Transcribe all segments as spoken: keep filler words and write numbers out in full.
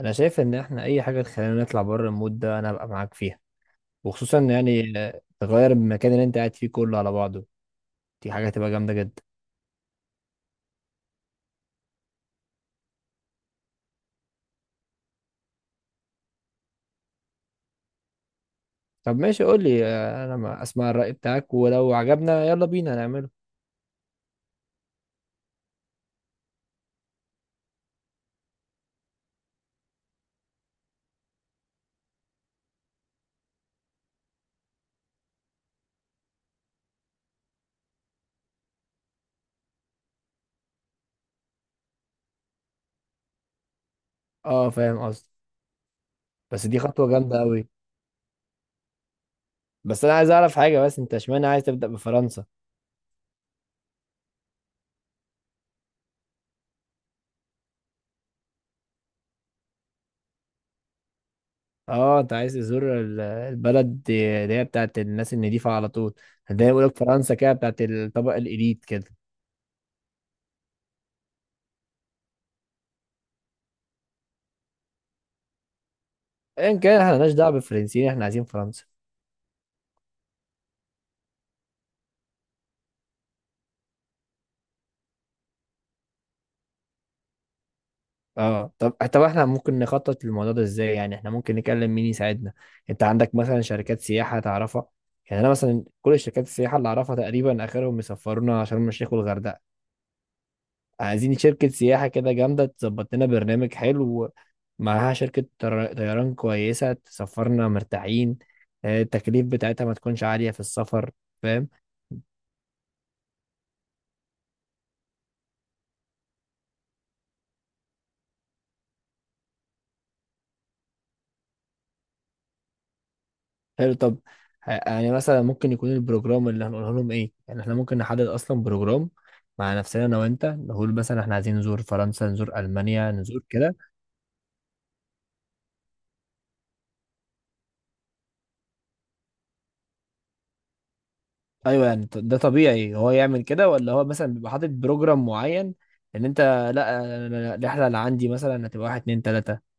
انا شايف ان احنا اي حاجه تخلينا نطلع بره المود ده انا هبقى معاك فيها، وخصوصا يعني آه، تغير المكان اللي انت قاعد فيه كله على بعضه. دي حاجه هتبقى جامده جدا. طب ماشي، قول لي آه، انا ما اسمع الراي بتاعك، ولو عجبنا يلا بينا نعمله. اه، فاهم قصدي. بس دي خطوه جامده قوي. بس انا عايز اعرف حاجه، بس انت اشمعنى عايز تبدا بفرنسا؟ اه، انت عايز تزور ال- البلد دي- اللي هي بتاعت الناس النضيفه على طول. ده يقول لك فرنسا كده بتاعت الطبقه الاليت كده. ان كان احنا مالناش دعوه بالفرنسيين، احنا عايزين فرنسا. اه، طب طب احنا ممكن نخطط للموضوع ده ازاي؟ يعني احنا ممكن نكلم مين يساعدنا؟ انت عندك مثلا شركات سياحة تعرفها؟ يعني انا مثلا كل شركات السياحة اللي اعرفها تقريبا اخرهم يسفرونا شرم الشيخ والغردقة. عايزين شركة سياحة كده جامدة تظبط لنا برنامج حلو، معاها شركة طر- طيران كويسة تسفرنا مرتاحين. آه، التكليف بتاعتها ما تكونش عالية في السفر. فاهم؟ حلو. طب، ه- يعني مثلا ممكن يكون البروجرام اللي هنقوله لهم ايه؟ يعني احنا ممكن نحدد اصلا بروجرام مع نفسنا انا وانت، نقول مثلا احنا عايزين نزور فرنسا، نزور المانيا، نزور كده. ايوه. يعني ط- ده طبيعي هو يعمل كده، ولا هو مثلا بيبقى حاطط بروجرام معين ان انت؟ لا أنا- أنا- الرحله اللي عندي مثلا هتبقى واحد اتنين تلاته.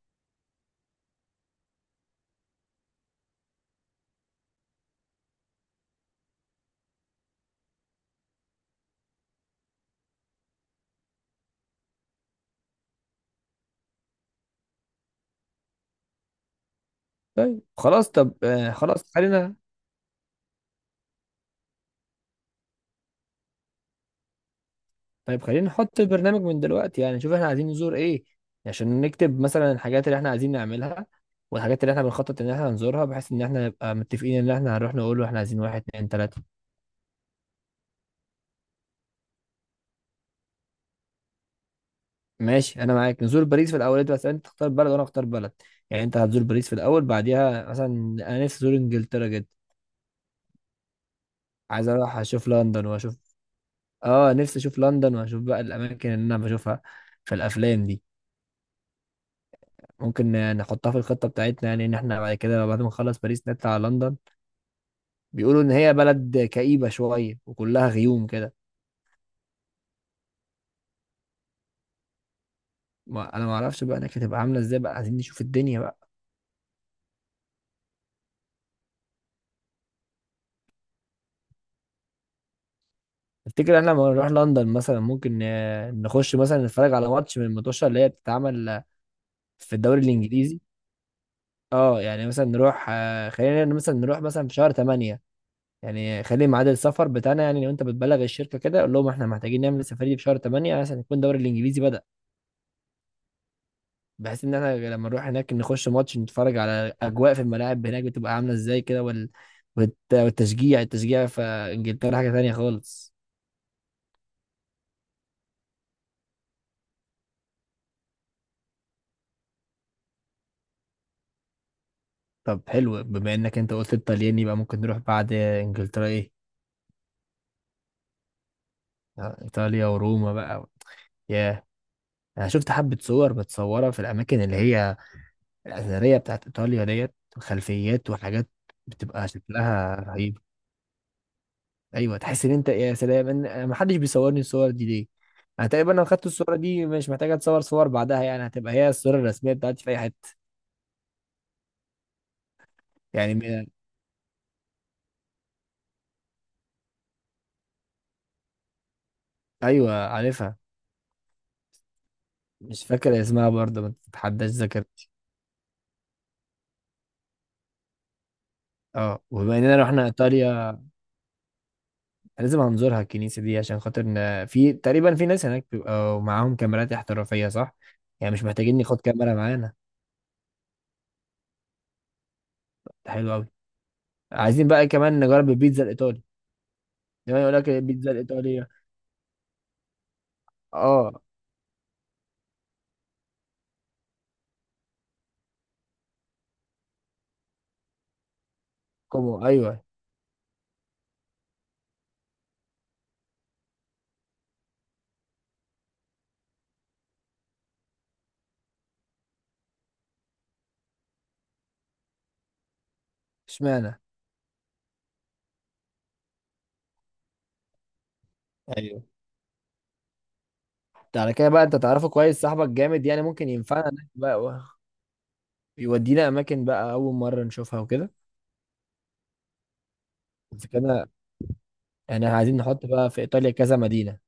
طيب خلاص. طب، آه، خلاص خلينا. طيب خلينا نحط البرنامج من دلوقتي، يعني نشوف احنا عايزين نزور ايه، عشان نكتب مثلا الحاجات اللي احنا عايزين نعملها والحاجات اللي احنا بنخطط ان احنا نزورها، بحيث ان احنا نبقى متفقين ان احنا هنروح نقول له احنا عايزين واحد اتنين تلاتة. ماشي انا معاك، نزور باريس في الاول. انت بس انت تختار بلد وانا اختار بلد. يعني انت هتزور باريس في الاول، بعديها مثلا انا نفسي ازور انجلترا جدا. عايز اروح اشوف لندن واشوف. اه، نفسي اشوف لندن واشوف بقى الاماكن اللي انا بشوفها في الافلام دي. ممكن نحطها في الخطة بتاعتنا، يعني ان احنا بعد كده بعد ما نخلص باريس نطلع على لندن. بيقولوا ان هي بلد كئيبه شويه وكلها غيوم كده. ما انا ما اعرفش بقى هناك هتبقى عامله ازاي، بقى عايزين نشوف الدنيا بقى. تفتكر احنا لما نروح لندن مثلا ممكن آه، نخش مثلا نتفرج على ماتش من الماتشات اللي هي بتتعمل آه، في الدوري الانجليزي؟ اه. يعني مثلا نروح، آه، خلينا مثلا نروح مثلا في شهر تمانية. يعني خلي ميعاد السفر بتاعنا، يعني لو انت بتبلغ الشركه كده قول لهم احنا محتاجين نعمل السفريه دي في شهر تمانية، عشان يكون الدوري الانجليزي بدأ. بحيث ان احنا لما نروح هناك نخش ماتش نتفرج على اجواء في الملاعب هناك بتبقى عامله ازاي كده، وال... والت... والتشجيع التشجيع في انجلترا حاجه تانية خالص. طب حلو، بما انك انت قلت الطليان يبقى ممكن نروح بعد انجلترا ايه؟ آه، ايطاليا وروما بقى. ياه. انا شفت حبه صور متصوره في الاماكن اللي هي الاثريه بتاعت ايطاليا ديت، وخلفيات وحاجات بتبقى شكلها رهيب. ايوه، تحس ان انت يا سلام، ان ما حدش بيصورني الصور دي ليه. انا تقريبا لو خدت الصوره دي مش محتاجه اتصور صور بعدها، يعني هتبقى هي الصوره الرسميه بتاعتي في اي حته. يعني. م- ايوه، عارفها. مش فاكر اسمها برضه، ما تتحداش ذاكرتي. اه، وبما اننا رحنا ايطاليا لازم هنزورها الكنيسه دي، عشان خاطر إن في تقريبا في ناس هناك بيبقوا معاهم كاميرات احترافيه، صح؟ يعني مش محتاجين ناخد كاميرا معانا. ده حلو قوي. عايزين بقى كمان نجرب البيتزا الايطالي، دايما يقول لك البيتزا الايطاليه. اه، كومو، ايوه. اشمعنى؟ ايوه. ده على كده بقى انت تعرفه كويس، صاحبك جامد يعني، ممكن ينفعنا هناك بقى و- يودينا اماكن بقى اول مره نشوفها وكده. اذا كده، يعني عايزين نحط بقى في ايطاليا كذا مدينه.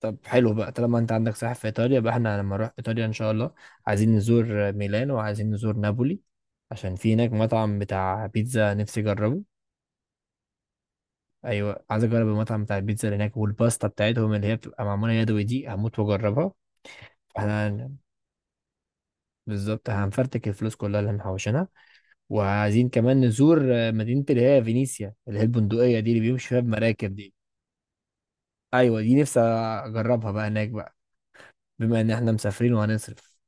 طب حلو بقى، طالما انت عندك ساحل في ايطاليا بقى، احنا لما نروح ايطاليا ان شاء الله عايزين نزور ميلان وعايزين نزور نابولي، عشان في هناك مطعم بتاع بيتزا نفسي اجربه. ايوه، عايز اجرب المطعم بتاع البيتزا اللي هناك والباستا بتاعتهم اللي هي بتبقى معموله يدوي دي، هموت واجربها. احنا بالظبط هنفرتك الفلوس كلها اللي محوشينها. وعايزين كمان نزور آه، مدينة اللي هي فينيسيا اللي هي البندقية دي اللي بيمشي فيها بمراكب دي. أيوة، دي نفسي أجربها بقى هناك بقى، بما إن إحنا مسافرين وهنصرف.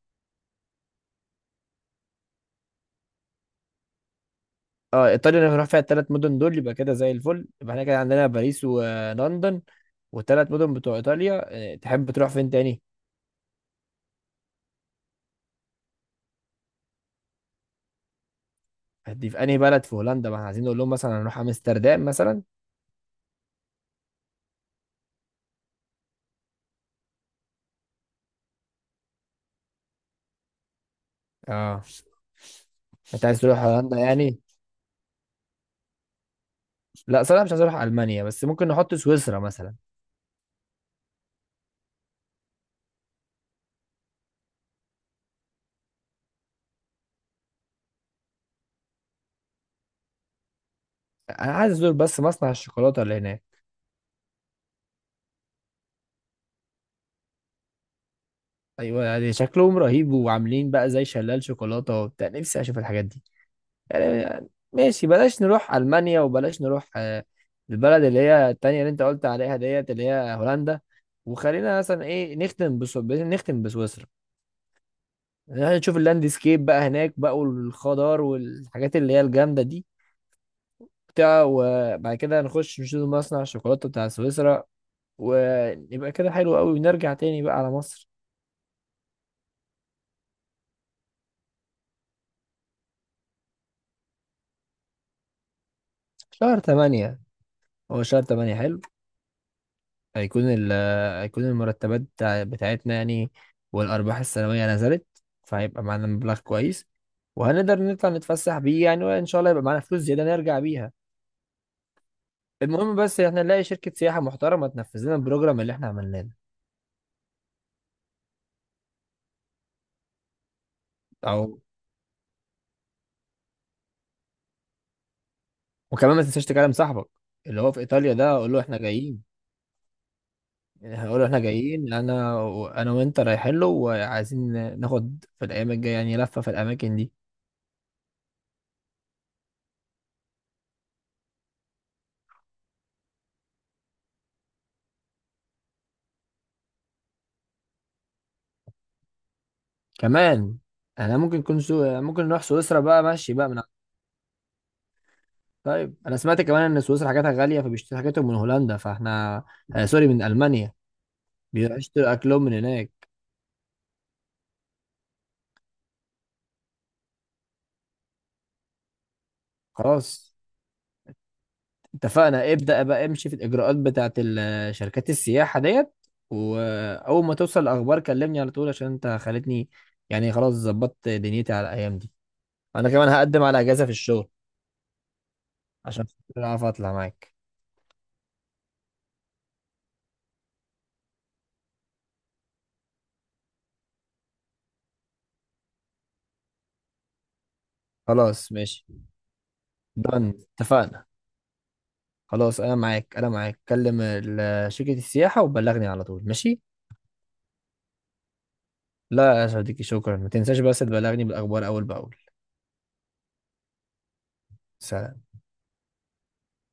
اه، ايطاليا اللي هنروح فيها التلات مدن دول يبقى كده زي الفل، يبقى احنا كده عندنا باريس ولندن والتلات مدن بتوع ايطاليا. آه، تحب تروح فين تاني؟ هدي في انهي بلد في هولندا؟ ما احنا عايزين نقول لهم مثلا هنروح امستردام مثلا. اه. انت عايز تروح هولندا يعني؟ لا، صراحة مش عايز اروح المانيا، بس ممكن نحط سويسرا مثلا. انا عايز ازور بس مصنع الشوكولاتة اللي هناك. ايوه، يعني شكلهم رهيب، وعاملين بقى زي شلال شوكولاته وبتاع، نفسي اشوف الحاجات دي. يعني يعني ماشي، بلاش نروح المانيا وبلاش نروح آه، البلد اللي هي التانية اللي انت قلت عليها ديت اللي هي هولندا. وخلينا مثلا ايه، نختم بسو... نختم بسويسرا. يعني نشوف اللاندسكيب بقى هناك بقى، والخضار والحاجات اللي هي الجامده دي بتاع، وبعد كده نخش نشوف مصنع الشوكولاته بتاع سويسرا، ونبقى كده حلو قوي ونرجع تاني بقى على مصر. شهر تمانية. هو شهر تمانية حلو. هيكون ال هيكون المرتبات بتاع- بتاعتنا يعني. والأرباح السنوية نزلت. فهيبقى معانا مبلغ كويس. وهنقدر نطلع نتفسح بيه يعني، وإن شاء الله يبقى معانا فلوس زيادة نرجع بيها. المهم بس احنا نلاقي شركة سياحة محترمة تنفذ لنا البروجرام اللي احنا عملناه ده. أو. وكمان ما تنساش تكلم صاحبك اللي هو في إيطاليا ده، أقول له احنا جايين. هقول له احنا جايين أنا وأنا وأنت رايحين له، وعايزين ناخد في الأيام الجاية يعني لفة في الأماكن دي. كمان احنا ممكن نكون سو... ممكن نروح سويسرا بقى ماشي بقى من. طيب انا سمعت كمان ان سويسرا حاجاتها غاليه، فبيشتري حاجاتهم من هولندا، فاحنا، آه سوري، من المانيا. بيشتروا اكلهم من هناك. خلاص اتفقنا. ابدا بقى، امشي في الاجراءات بتاعت ال- آه، شركات السياحه ديت. واول ما توصل الاخبار كلمني على طول، عشان انت خلتني يعني خلاص ظبطت دنيتي على الايام دي. انا كمان هقدم على اجازه في الشغل عشان خاطر اعرف اطلع معاك. خلاص ماشي. دن. اتفقنا. خلاص انا معاك انا معاك، كلم ال- آه، شركه السياحه وبلغني على طول، ماشي. لا يا صديقي، شكرا. ما تنساش بس تبلغني بالأخبار أول بأول. سلام.